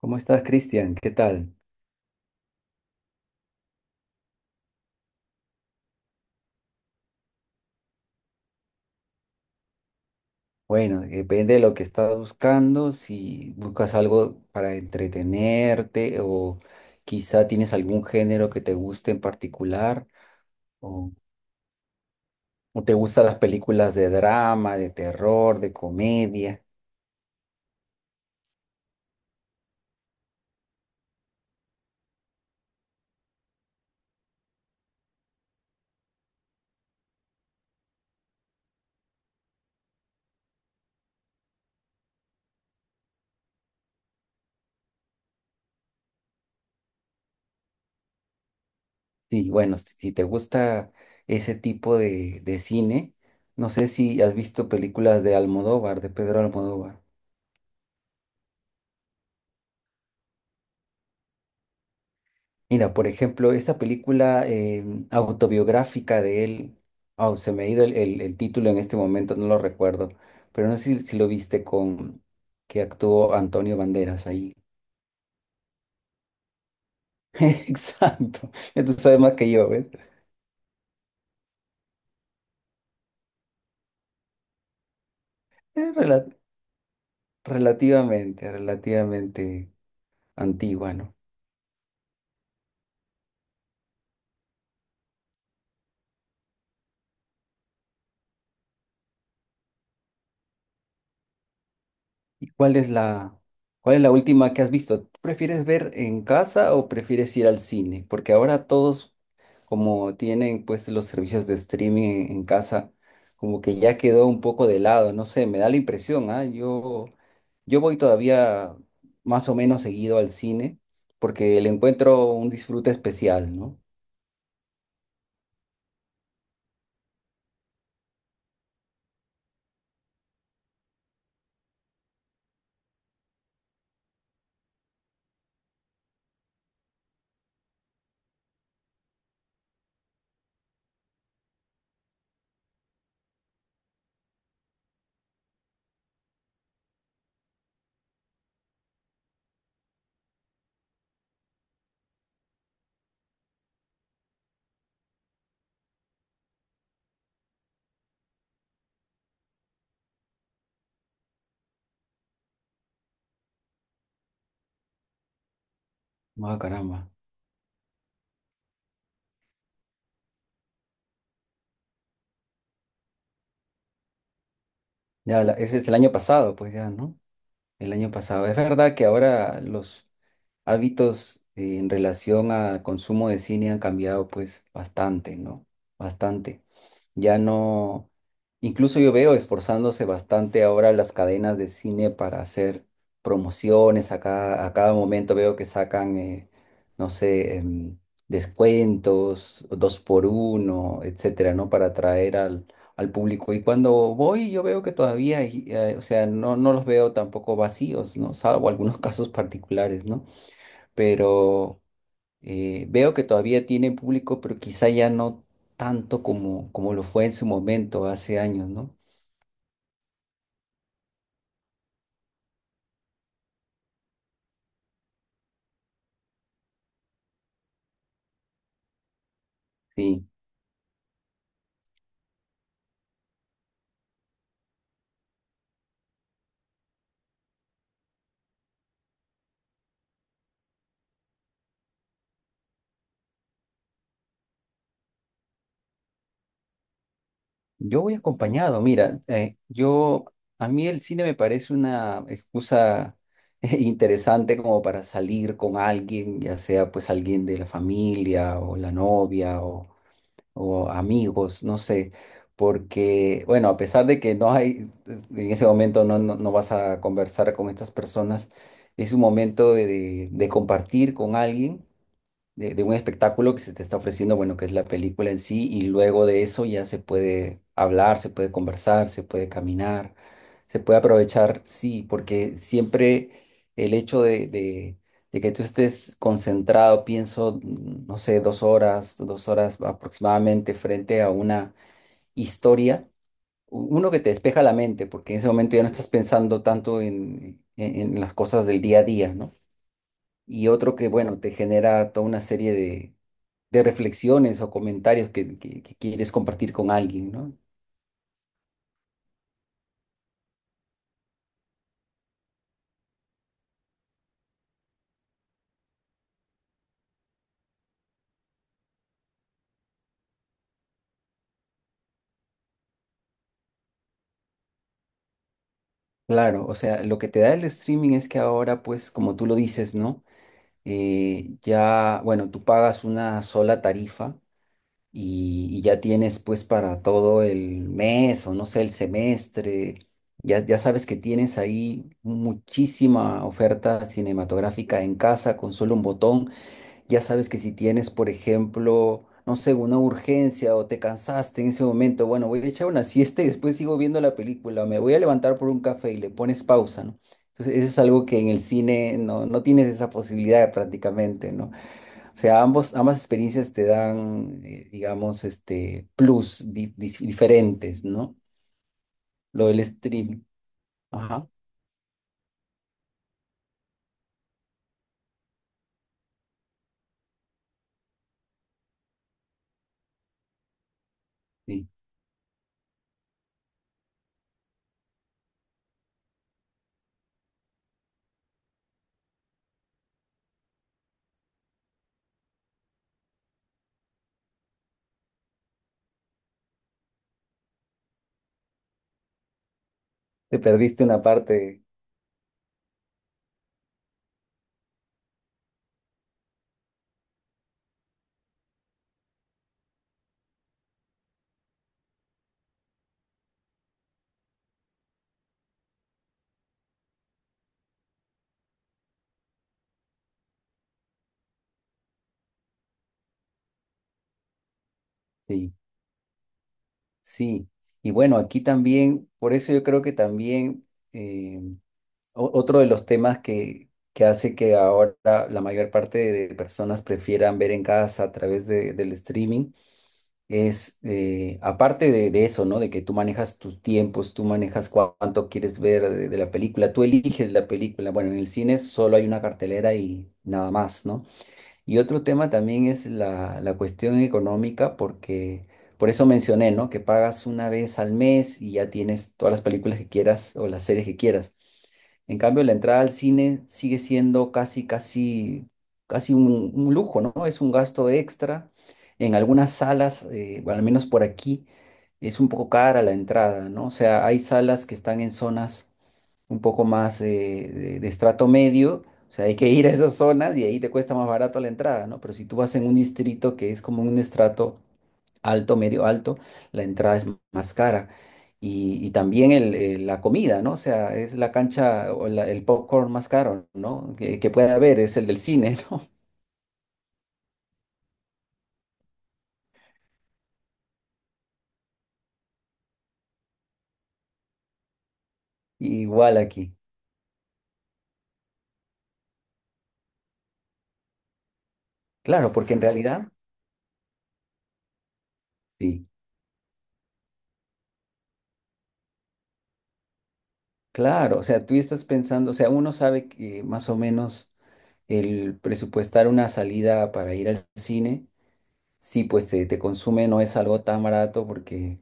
¿Cómo estás, Cristian? ¿Qué tal? Bueno, depende de lo que estás buscando, si buscas algo para entretenerte o quizá tienes algún género que te guste en particular o, o te gustan las películas de drama, de terror, de comedia. Sí, bueno, si te gusta ese tipo de cine, no sé si has visto películas de Almodóvar, de Pedro Almodóvar. Mira, por ejemplo, esta película autobiográfica de él, oh, se me ha ido el título en este momento, no lo recuerdo, pero no sé si lo viste con que actuó Antonio Banderas ahí. Exacto, ya tú sabes más que yo, ¿ves? Es relativamente antigua, ¿no? ¿Y cuál es la última que has visto? ¿Tú ¿Prefieres ver en casa o prefieres ir al cine? Porque ahora todos, como tienen pues los servicios de streaming en casa, como que ya quedó un poco de lado, no sé, me da la impresión, ¿ah? Yo voy todavía más o menos seguido al cine porque le encuentro un disfrute especial, ¿no? Ah, caramba. Ya, ese es el año pasado, pues ya, ¿no? El año pasado. Es verdad que ahora los hábitos en relación al consumo de cine han cambiado pues bastante, ¿no? Bastante. Ya no, incluso yo veo esforzándose bastante ahora las cadenas de cine para hacer promociones. A cada momento veo que sacan, no sé, descuentos, dos por uno, etcétera, ¿no? Para atraer al público. Y cuando voy, yo veo que todavía, hay, o sea, no los veo tampoco vacíos, ¿no? Salvo algunos casos particulares, ¿no? Pero. Veo que todavía tiene público, pero quizá ya no tanto como lo fue en su momento hace años, ¿no? Sí, yo voy acompañado, mira, yo, a mí el cine me parece una excusa interesante como para salir con alguien, ya sea pues alguien de la familia o la novia o amigos, no sé, porque, bueno, a pesar de que no hay, en ese momento no vas a conversar con estas personas, es un momento de compartir con alguien de un espectáculo que se te está ofreciendo, bueno, que es la película en sí, y luego de eso ya se puede hablar, se puede conversar, se puede caminar, se puede aprovechar, sí, porque siempre el hecho de que tú estés concentrado, pienso, no sé, 2 horas, 2 horas aproximadamente frente a una historia, uno que te despeja la mente, porque en ese momento ya no estás pensando tanto en las cosas del día a día, ¿no? Y otro que, bueno, te genera toda una serie de reflexiones o comentarios que quieres compartir con alguien, ¿no? Claro, o sea, lo que te da el streaming es que ahora, pues, como tú lo dices, ¿no? Ya, bueno, tú pagas una sola tarifa y ya tienes, pues, para todo el mes o no sé, el semestre. Ya sabes que tienes ahí muchísima oferta cinematográfica en casa con solo un botón. Ya sabes que si tienes, por ejemplo, no sé, una urgencia o te cansaste en ese momento, bueno, voy a echar una siesta y después sigo viendo la película, me voy a levantar por un café y le pones pausa, ¿no? Entonces, eso es algo que en el cine no tienes esa posibilidad prácticamente, ¿no? O sea, ambas experiencias te dan, digamos, este, plus diferentes, ¿no? Lo del stream. Ajá, sí. Te perdiste una parte, sí. Sí, y bueno, aquí también, por eso yo creo que también eh, otro de los temas que hace que ahora la mayor parte de personas prefieran ver en casa a través del streaming es, aparte de eso, ¿no? De que tú manejas tus tiempos, tú manejas cuánto quieres ver de la película, tú eliges la película. Bueno, en el cine solo hay una cartelera y nada más, ¿no? Y otro tema también es la cuestión económica, porque por eso mencioné, ¿no? Que pagas una vez al mes y ya tienes todas las películas que quieras o las series que quieras. En cambio, la entrada al cine sigue siendo casi, casi, casi un lujo, ¿no? Es un gasto extra. En algunas salas, bueno, al menos por aquí, es un poco cara la entrada, ¿no? O sea, hay salas que están en zonas un poco más de estrato medio, o sea, hay que ir a esas zonas y ahí te cuesta más barato la entrada, ¿no? Pero si tú vas en un distrito que es como un estrato alto, medio alto, la entrada es más cara. Y también la comida, ¿no? O sea, es la cancha o el popcorn más caro, ¿no? Que puede haber, es el del cine, ¿no? Igual aquí. Claro, porque en realidad, sí, claro, o sea, tú estás pensando, o sea, uno sabe que más o menos el presupuestar una salida para ir al cine. Sí, pues te consume, no es algo tan barato porque,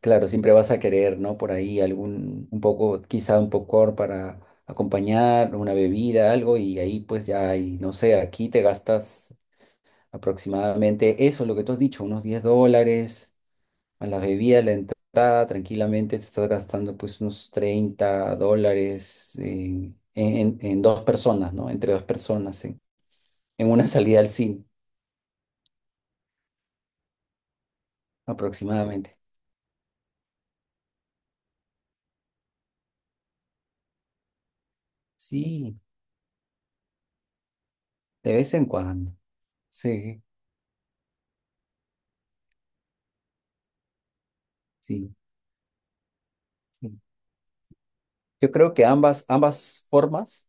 claro, siempre vas a querer, ¿no? Por ahí algún, un poco, quizá un popcorn para acompañar, una bebida, algo, y ahí pues ya hay, no sé, aquí te gastas aproximadamente eso, lo que tú has dicho, unos $10, a la bebida, la entrada, tranquilamente te estás gastando pues unos $30 en dos personas, ¿no? Entre dos personas, en una salida al cine, aproximadamente. Sí, de vez en cuando. Sí, sí, sí. Yo creo que ambas formas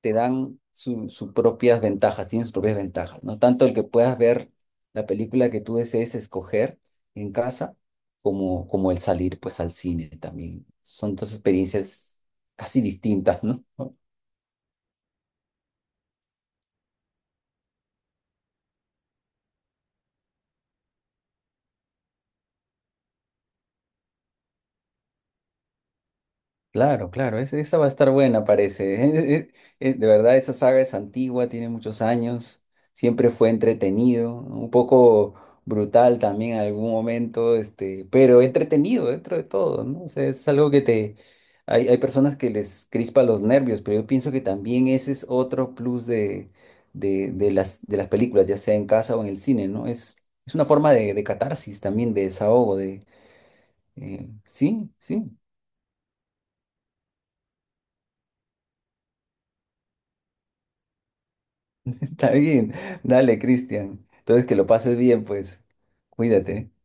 te dan sus propias ventajas, tienen sus propias ventajas, ¿no? Tanto el que puedas ver la película que tú desees escoger en casa, como el salir pues al cine también. Son dos experiencias casi distintas, ¿no? Claro, claro, esa va a estar buena, parece. Eh, De verdad, esa saga es antigua, tiene muchos años, siempre fue entretenido, un poco brutal también en algún momento, este, pero entretenido dentro de todo, ¿no? O sea, es algo que te... Hay personas que les crispa los nervios, pero yo pienso que también ese es otro plus de las películas, ya sea en casa o en el cine, ¿no? Es una forma de catarsis también, de desahogo, sí, sí. Está bien. Dale, Cristian. Entonces, que lo pases bien, pues. Cuídate.